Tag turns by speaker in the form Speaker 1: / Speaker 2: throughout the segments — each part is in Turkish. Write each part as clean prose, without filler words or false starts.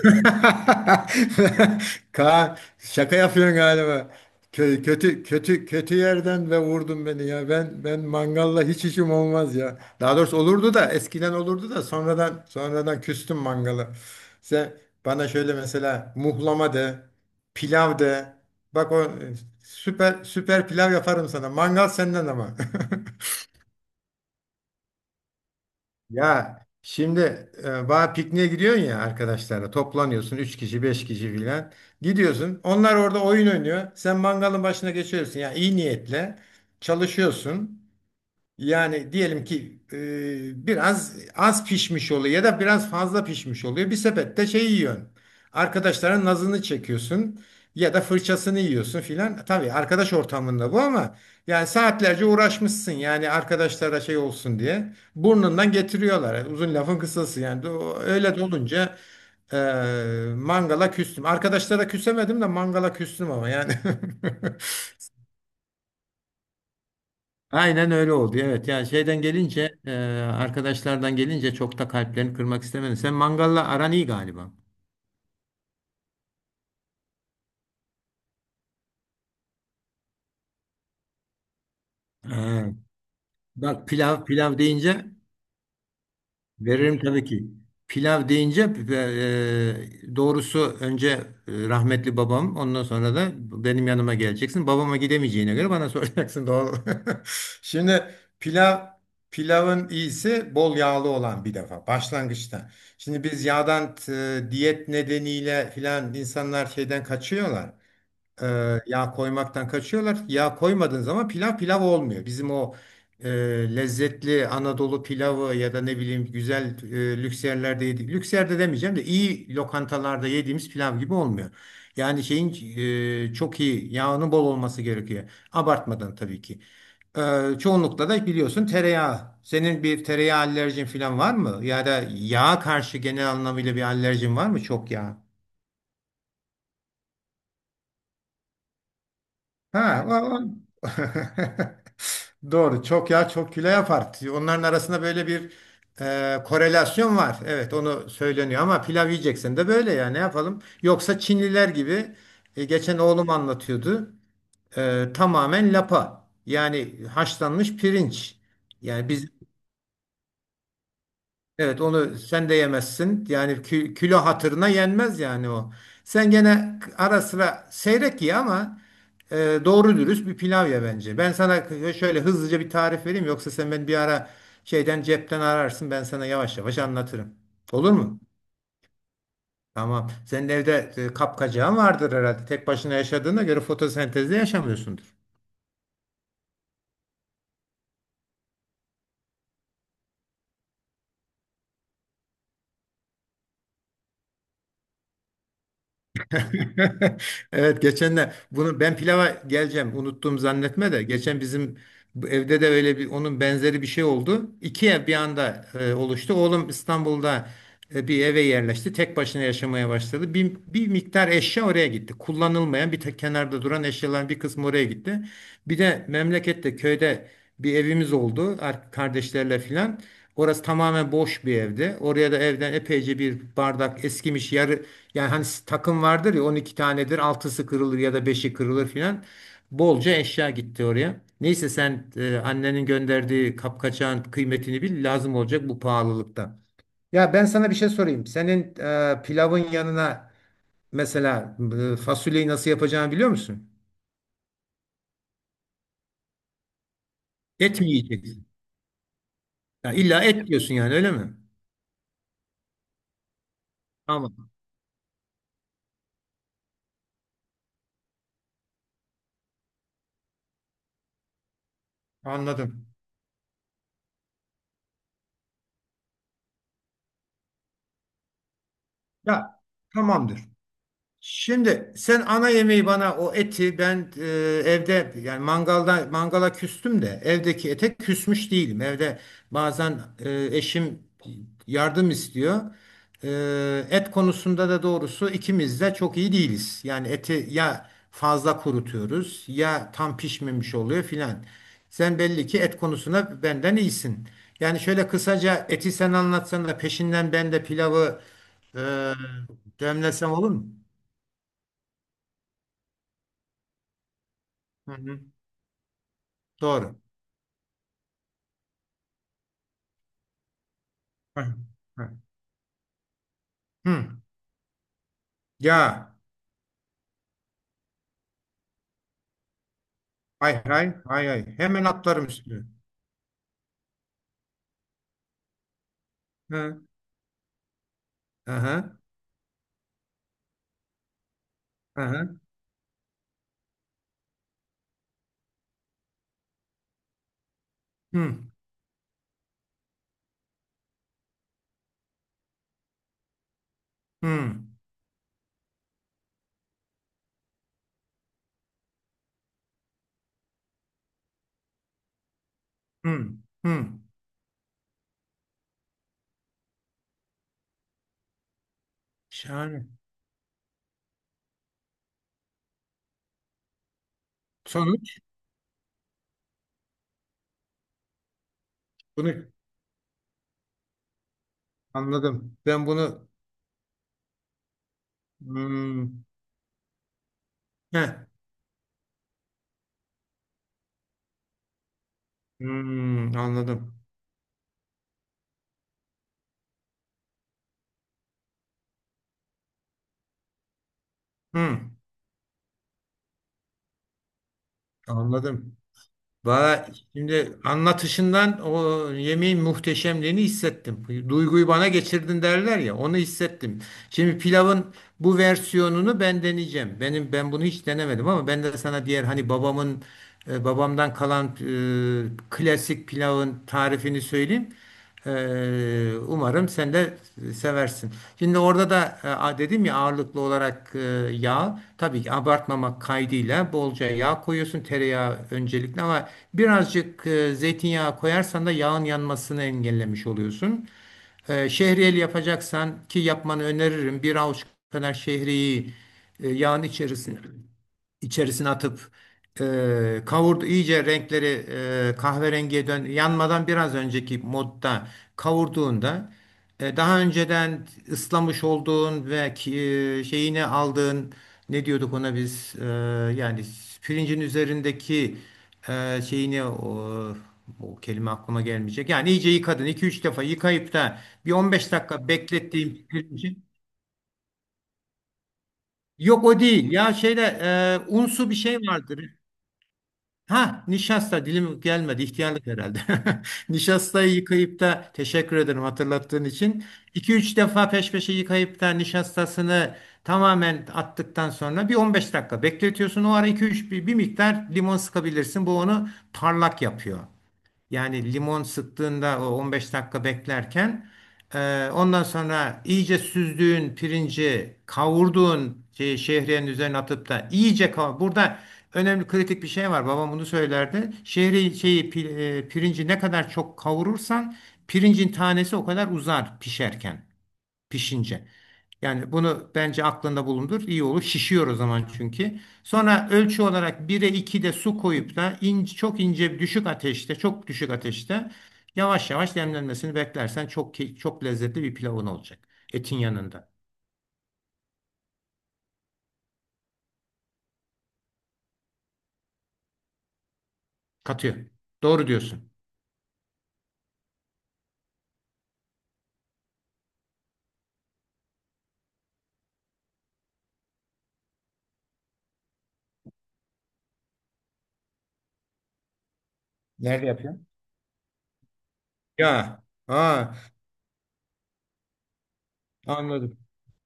Speaker 1: Kaan, şaka yapıyorsun galiba. Kötü kötü kötü yerden ve vurdun beni ya. Ben mangalla hiç işim olmaz ya. Daha doğrusu olurdu da, eskiden olurdu da sonradan küstüm mangala. Sen bana şöyle mesela muhlama de, pilav de. Bak o süper süper pilav yaparım sana. Mangal senden ama. Ya şimdi bağ pikniğe gidiyorsun, ya arkadaşlarla toplanıyorsun, 3 kişi 5 kişi filan gidiyorsun, onlar orada oyun oynuyor, sen mangalın başına geçiyorsun ya, iyi niyetle çalışıyorsun, yani diyelim ki biraz az pişmiş oluyor ya da biraz fazla pişmiş oluyor. Bir sepette şey yiyorsun. Arkadaşların nazını çekiyorsun ya da fırçasını yiyorsun filan. Tabii arkadaş ortamında bu, ama yani saatlerce uğraşmışsın, yani arkadaşlara şey olsun diye. Burnundan getiriyorlar. Yani uzun lafın kısası yani. Öyle de olunca e, mangala küstüm. Arkadaşlara küsemedim de mangala küstüm, ama yani. Aynen öyle oldu. Evet. Ya şeyden gelince arkadaşlardan gelince, çok da kalplerini kırmak istemedim. Sen mangalla aran iyi galiba. Ee, bak, pilav pilav deyince. Veririm tabii ki. Pilav deyince e, doğrusu önce rahmetli babam, ondan sonra da benim yanıma geleceksin. Babama gidemeyeceğine göre bana soracaksın, doğru. Şimdi pilav, pilavın iyisi bol yağlı olan bir defa, başlangıçta. Şimdi biz yağdan diyet nedeniyle filan, insanlar şeyden kaçıyorlar e, yağ koymaktan kaçıyorlar. Yağ koymadığın zaman pilav pilav olmuyor. Bizim o e, lezzetli Anadolu pilavı ya da ne bileyim güzel, lüks yerlerde yediğimiz, lüks yerde demeyeceğim de, iyi lokantalarda yediğimiz pilav gibi olmuyor. Yani şeyin çok iyi yağının bol olması gerekiyor. Abartmadan tabii ki. Çoğunlukla da biliyorsun, tereyağı. Senin bir tereyağı alerjin falan var mı? Ya da yağa karşı genel anlamıyla bir alerjin var mı? Çok yağ. Ha, doğru. Çok yağ çok kilo yapar. Onların arasında böyle bir korelasyon var. Evet, onu söyleniyor, ama pilav yiyeceksen de böyle, ya ne yapalım? Yoksa Çinliler gibi, geçen oğlum anlatıyordu. Tamamen lapa. Yani haşlanmış pirinç. Yani biz. Evet, onu sen de yemezsin. Yani kilo hatırına yenmez yani o. Sen gene ara sıra seyrek ye, ama e, doğru dürüst bir pilav ye bence. Ben sana şöyle hızlıca bir tarif vereyim, yoksa sen beni bir ara şeyden cepten ararsın, ben sana yavaş yavaş anlatırım. Olur mu? Tamam. Senin evde kapkacağın vardır herhalde. Tek başına yaşadığına göre fotosentezle yaşamıyorsundur. Evet, geçen de bunu, ben pilava geleceğim unuttum zannetme de, geçen bizim bu evde de öyle bir, onun benzeri bir şey oldu. İki ev bir anda oluştu. Oğlum İstanbul'da bir eve yerleşti. Tek başına yaşamaya başladı. Bir miktar eşya oraya gitti. Kullanılmayan, bir tek kenarda duran eşyaların bir kısmı oraya gitti. Bir de memlekette, köyde bir evimiz oldu kardeşlerle filan. Orası tamamen boş bir evdi. Oraya da evden epeyce bir bardak, eskimiş yarı, yani hani takım vardır ya, 12 tanedir, altısı kırılır ya da beşi kırılır filan. Bolca eşya gitti oraya. Neyse, sen annenin gönderdiği kapkaçağın kıymetini bil, lazım olacak bu pahalılıkta. Ya ben sana bir şey sorayım. Senin pilavın yanına mesela, fasulyeyi nasıl yapacağını biliyor musun? Et mi yiyeceksin? Ya illa et diyorsun yani, öyle mi? Tamam. Anladım. Ya tamamdır. Şimdi sen ana yemeği, bana o eti ben, evde, yani mangalda, mangala küstüm de evdeki ete küsmüş değilim. Evde bazen eşim yardım istiyor. E, Et konusunda da doğrusu ikimiz de çok iyi değiliz. Yani eti ya fazla kurutuyoruz, ya tam pişmemiş oluyor filan. Sen belli ki et konusunda benden iyisin. Yani şöyle kısaca eti sen anlatsan da, peşinden ben de pilavı e, demlesem olur mu? Hı hı. Doğru. Heh, heh. Hı. Ya. Hay hay hay hay. Hemen atlarım üstüne. Hı. Aha. Aha. Hı. Hı. Hı. Hı. Şahane. Sonuç bunu anladım. Ben bunu hmm, heh, anladım. Hı. Anladım. Valla, şimdi anlatışından o yemeğin muhteşemliğini hissettim. Duyguyu bana geçirdin derler ya, onu hissettim. Şimdi pilavın bu versiyonunu ben deneyeceğim. Benim, ben bunu hiç denemedim, ama ben de sana diğer, hani babamın, babamdan kalan klasik pilavın tarifini söyleyeyim. Umarım sen de seversin. Şimdi orada da dedim ya, ağırlıklı olarak yağ. Tabii ki abartmamak kaydıyla bolca yağ koyuyorsun. Tereyağı öncelikle, ama birazcık zeytinyağı koyarsan da yağın yanmasını engellemiş oluyorsun. Şehriyeli yapacaksan, ki yapmanı öneririm, bir avuç kadar şehriyi yağın içerisine atıp, kavurdu, iyice renkleri kahverengiye dön, yanmadan biraz önceki modda kavurduğunda, daha önceden ıslamış olduğun ve şeyini aldığın, ne diyorduk ona biz, yani pirincin üzerindeki şeyini, o, o kelime aklıma gelmeyecek. Yani iyice yıkadın, iki üç defa yıkayıp da bir 15 dakika beklettiğim pirinci. Yok, o değil. Ya şeyde unsu bir şey vardır. Ha, nişasta dilim gelmedi, ihtiyarlık herhalde. Nişastayı yıkayıp da, teşekkür ederim hatırlattığın için. İki üç defa peş peşe yıkayıp da nişastasını tamamen attıktan sonra bir 15 dakika bekletiyorsun. O ara iki üç bir miktar limon sıkabilirsin. Bu onu parlak yapıyor. Yani limon sıktığında, o 15 dakika beklerken, ondan sonra iyice süzdüğün pirinci, kavurduğun şey, şehriyenin üzerine atıp da iyice kavur. Burada önemli, kritik bir şey var. Babam bunu söylerdi. Şehri şeyi pi- e, Pirinci ne kadar çok kavurursan, pirincin tanesi o kadar uzar, pişerken, pişince. Yani bunu bence aklında bulundur. İyi olur. Şişiyor o zaman çünkü. Sonra ölçü olarak 1'e 2 de su koyup da, çok ince düşük ateşte, çok düşük ateşte yavaş yavaş demlenmesini beklersen, çok çok lezzetli bir pilavın olacak. Etin yanında. Katıyor. Doğru diyorsun. Nerede yapıyorsun? Ya, ha, anladım.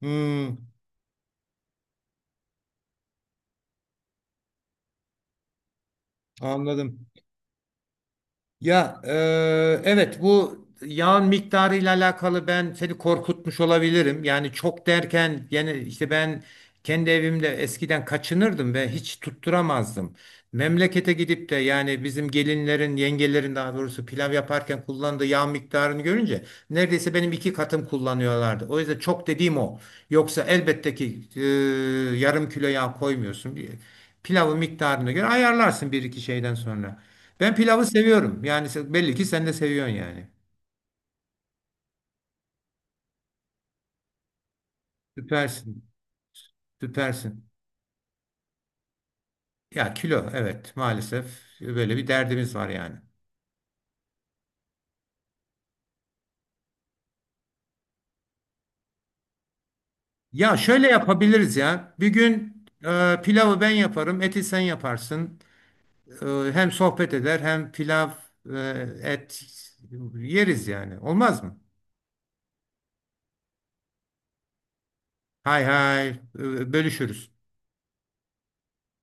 Speaker 1: Hmm, Anladım. Ya evet, bu yağın miktarıyla alakalı ben seni korkutmuş olabilirim. Yani çok derken, yani işte ben kendi evimde eskiden kaçınırdım ve hiç tutturamazdım. Memlekete gidip de, yani bizim gelinlerin, yengelerin daha doğrusu pilav yaparken kullandığı yağ miktarını görünce, neredeyse benim iki katım kullanıyorlardı. O yüzden çok dediğim o. Yoksa elbette ki yarım kilo yağ koymuyorsun. Pilavın miktarına göre ayarlarsın bir iki şeyden sonra. Ben pilavı seviyorum. Yani sen, belli ki sen de seviyorsun yani. Süpersin. Süpersin. Ya kilo, evet maalesef böyle bir derdimiz var yani. Ya şöyle yapabiliriz ya. Bir gün pilavı ben yaparım, eti sen yaparsın. E, Hem sohbet eder, hem pilav, e, et yeriz yani. Olmaz mı? Hay hay, bölüşürüz.